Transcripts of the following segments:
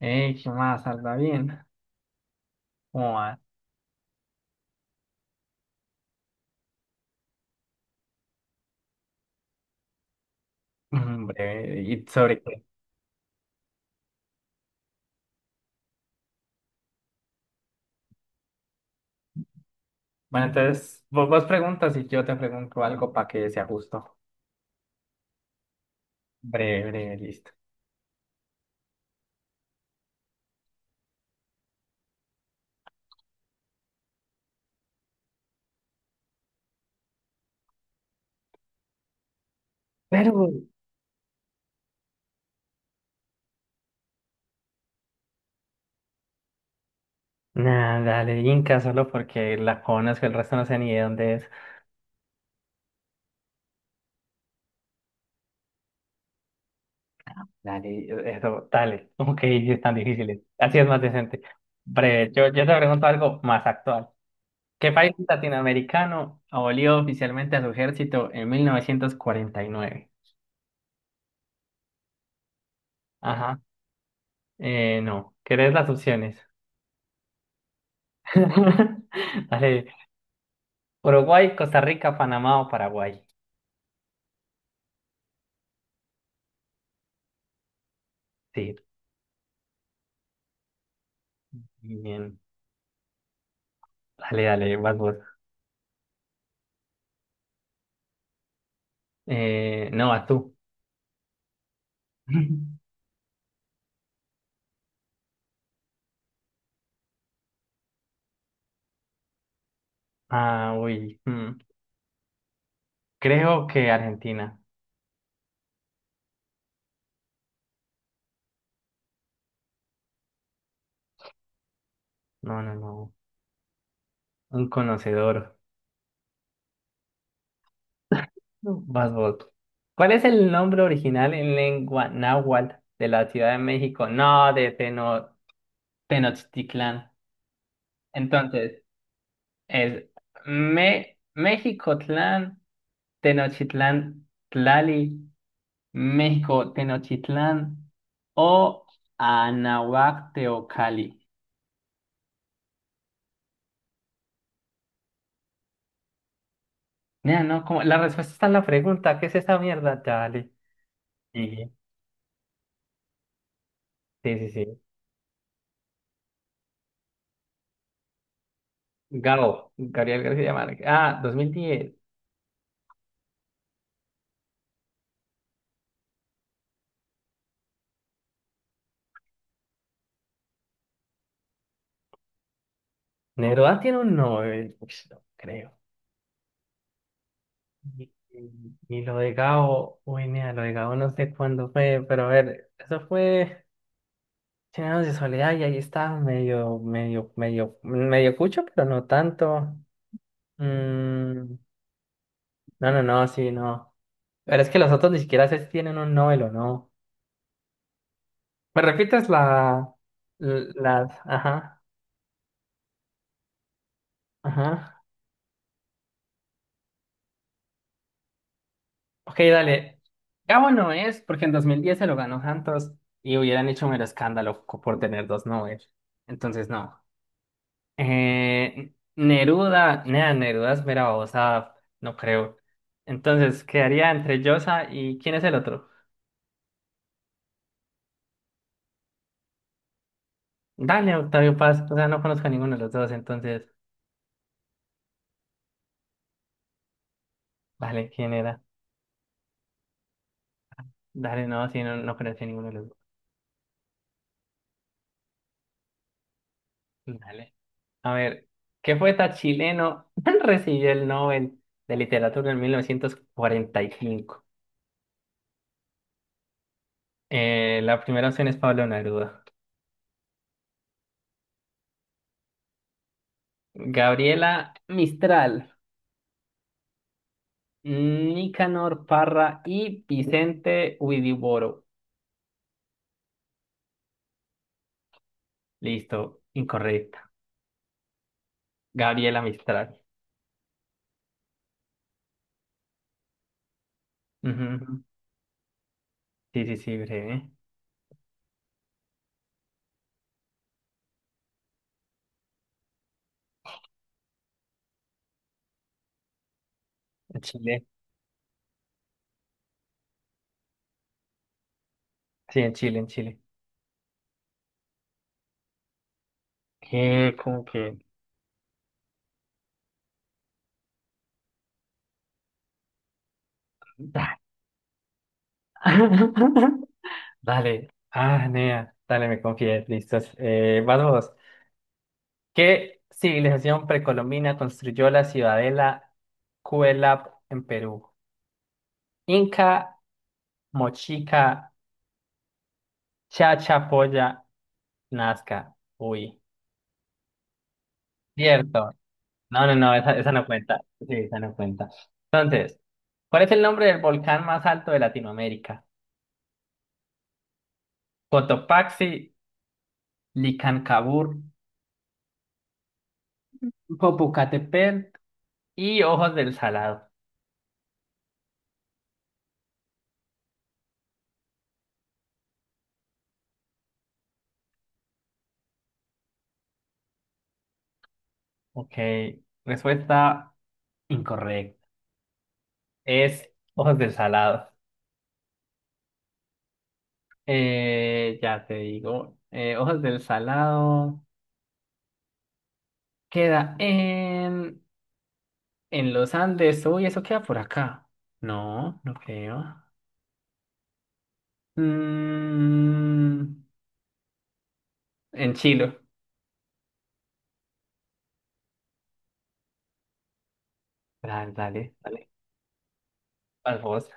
Ey, ¿qué más? ¿Anda bien? ¿Cómo va? Hombre, ¿y sobre qué? Bueno, entonces vos preguntas y yo te pregunto algo para que sea justo. Breve, breve, listo. Pero, nada, dale, Inca, solo porque la conozco, el resto no sé ni de dónde es. Dale, eso, dale. Ok, sí es tan difícil. Así es más decente. Breve, yo te pregunto algo más actual. ¿Qué país latinoamericano abolió oficialmente a su ejército en 1949? Ajá, no. ¿Querés las opciones? Dale, Uruguay, Costa Rica, Panamá o Paraguay. Sí, bien. Dale, dale, vas vos. No, vas tú. Ah, uy. Creo que Argentina. No, no, no. Un conocedor. No. Vas vos. ¿Cuál es el nombre original en lengua náhuatl de la Ciudad de México? No, de Tenochtitlán. Entonces, es Me México Tlán, Tenochtitlán Tlali. México, Tenochtitlán o Anahuac, Teocalli. Nea, no, como la respuesta está en la pregunta. ¿Qué es esta mierda, Charlie? Sí, sí, sí. Sí. Gabo, Gabriel García Márquez. Ah, 2010. Neruda tiene un Nobel. Uy, no creo. Y lo de Gabo, uy, nea, lo de Gabo no sé cuándo fue, pero a ver, eso fue Cien años de soledad y ahí está, medio, medio, medio, medio cucho, pero no tanto. Mm, No, no, no, sí, no. Pero es que los otros ni siquiera sé si tienen un Nobel o no. ¿Me repites las? Ajá, ajá. Ok, dale. Gabo no es porque en 2010 se lo ganó Santos y hubieran hecho mero escándalo por tener dos Nobel. Entonces, no. Neruda, nada, Neruda es mera babosa, no creo. Entonces, quedaría entre Llosa y ¿quién es el otro? Dale, Octavio Paz. O sea, no conozco a ninguno de los dos, entonces, vale, ¿quién era? Dale, no, si no, no conocí ninguno de los dos. Dale. A ver, ¿qué poeta chileno recibió el Nobel de Literatura en 1945? La primera opción es Pablo Neruda. Gabriela Mistral, Nicanor Parra y Vicente Huidobro. Listo, incorrecta. Gabriela Mistral. Ujú. Sí, sí, sí, breve. En Chile. Sí, en Chile, en Chile. ¿Qué? ¿Cómo que? Da. Dale, ah, nea, dale, me confié, listos. Vas vos. ¿Qué civilización precolombina construyó la ciudadela Cuelap en Perú? Inca, Mochica, Chachapoya, Nazca. Uy, cierto. No, no, no, esa no cuenta. Sí, esa no cuenta. Entonces, ¿cuál es el nombre del volcán más alto de Latinoamérica? Cotopaxi, Licancabur, Popocatépetl y Ojos del Salado. Ok, respuesta. Incorrecto. Es hojas del salado. Ya te digo. Hojas del salado. Queda en los Andes. Uy, eso queda por acá. No, no creo. Mm, en Chile. Dale, dale, dale. Vas vos.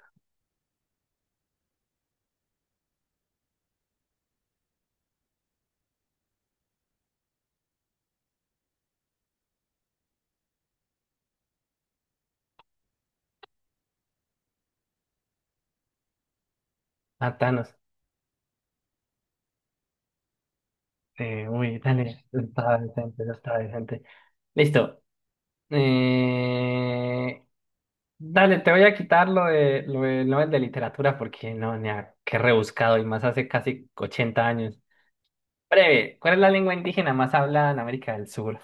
Matanos. Uy, dale. Está decente, está decente. Listo. Eh, Dale, te voy a quitar lo de Nobel de literatura porque no, ni a qué rebuscado y más hace casi 80 años. Breve, ¿cuál es la lengua indígena más hablada en América del Sur?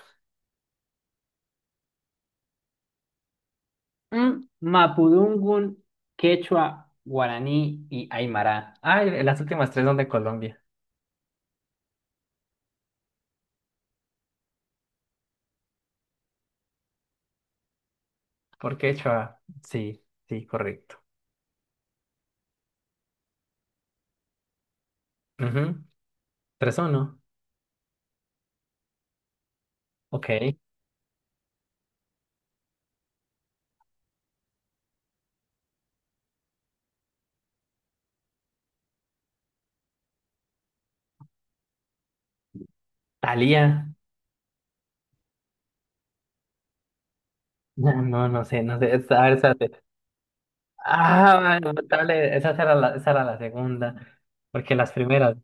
Mapudungun, Quechua, Guaraní y Aymara. Ay, las últimas tres son de Colombia. ¿Por qué, Chua? Sí, sí, correcto. Ujú. Tres o no. Ok. Talía. No, no, no sé, no sé. A ver, espérate. Ah, bueno, dale, esa era esa era la segunda. Porque las primeras.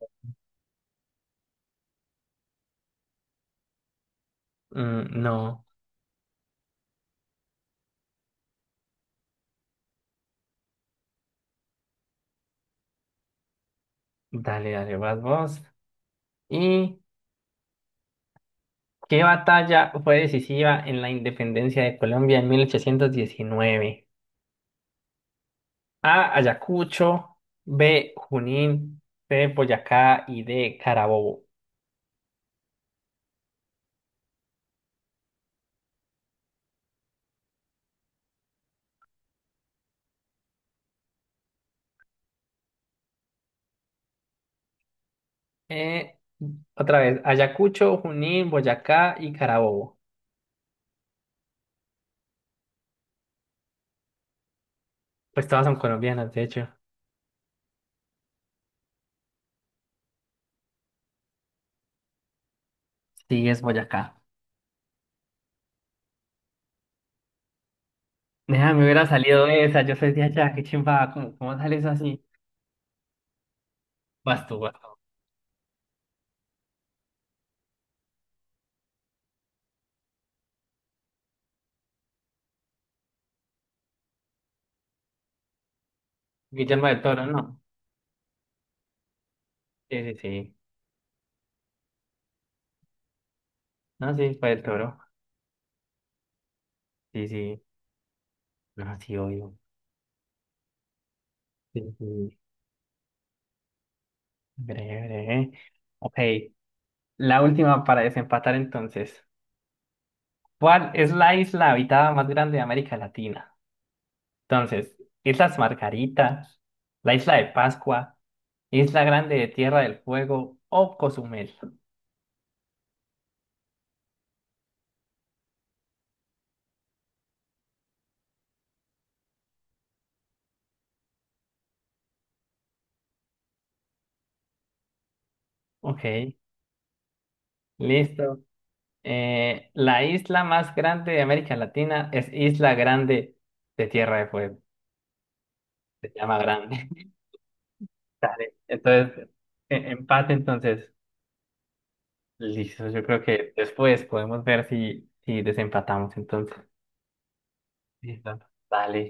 No, dale, dale, vas vos. ¿Y qué batalla fue decisiva en la independencia de Colombia en 1819? A. Ayacucho, B. Junín, C. Boyacá y D. Carabobo. Eh, otra vez, Ayacucho, Junín, Boyacá y Carabobo. Pues todas son colombianas, de hecho. Sí, es Boyacá. Nea, me hubiera salido esa, yo soy de allá, qué chimba, ¿cómo, cómo sale eso así? Vas tú, vas tú. Guillermo del Toro, no. Sí, sí, sí. No, sí, fue del Toro. Sí, sí, no, sí, obvio. Sí, sí. Breve, breve. Ok, la última para desempatar entonces. ¿Cuál es la isla habitada más grande de América Latina? Entonces, Islas Margaritas, la Isla de Pascua, Isla Grande de Tierra del Fuego o Cozumel. Ok, listo. La isla más grande de América Latina es Isla Grande de Tierra del Fuego. Se llama Grande. Dale, entonces, empate entonces. Listo, yo creo que después podemos ver si desempatamos entonces. Listo. Dale.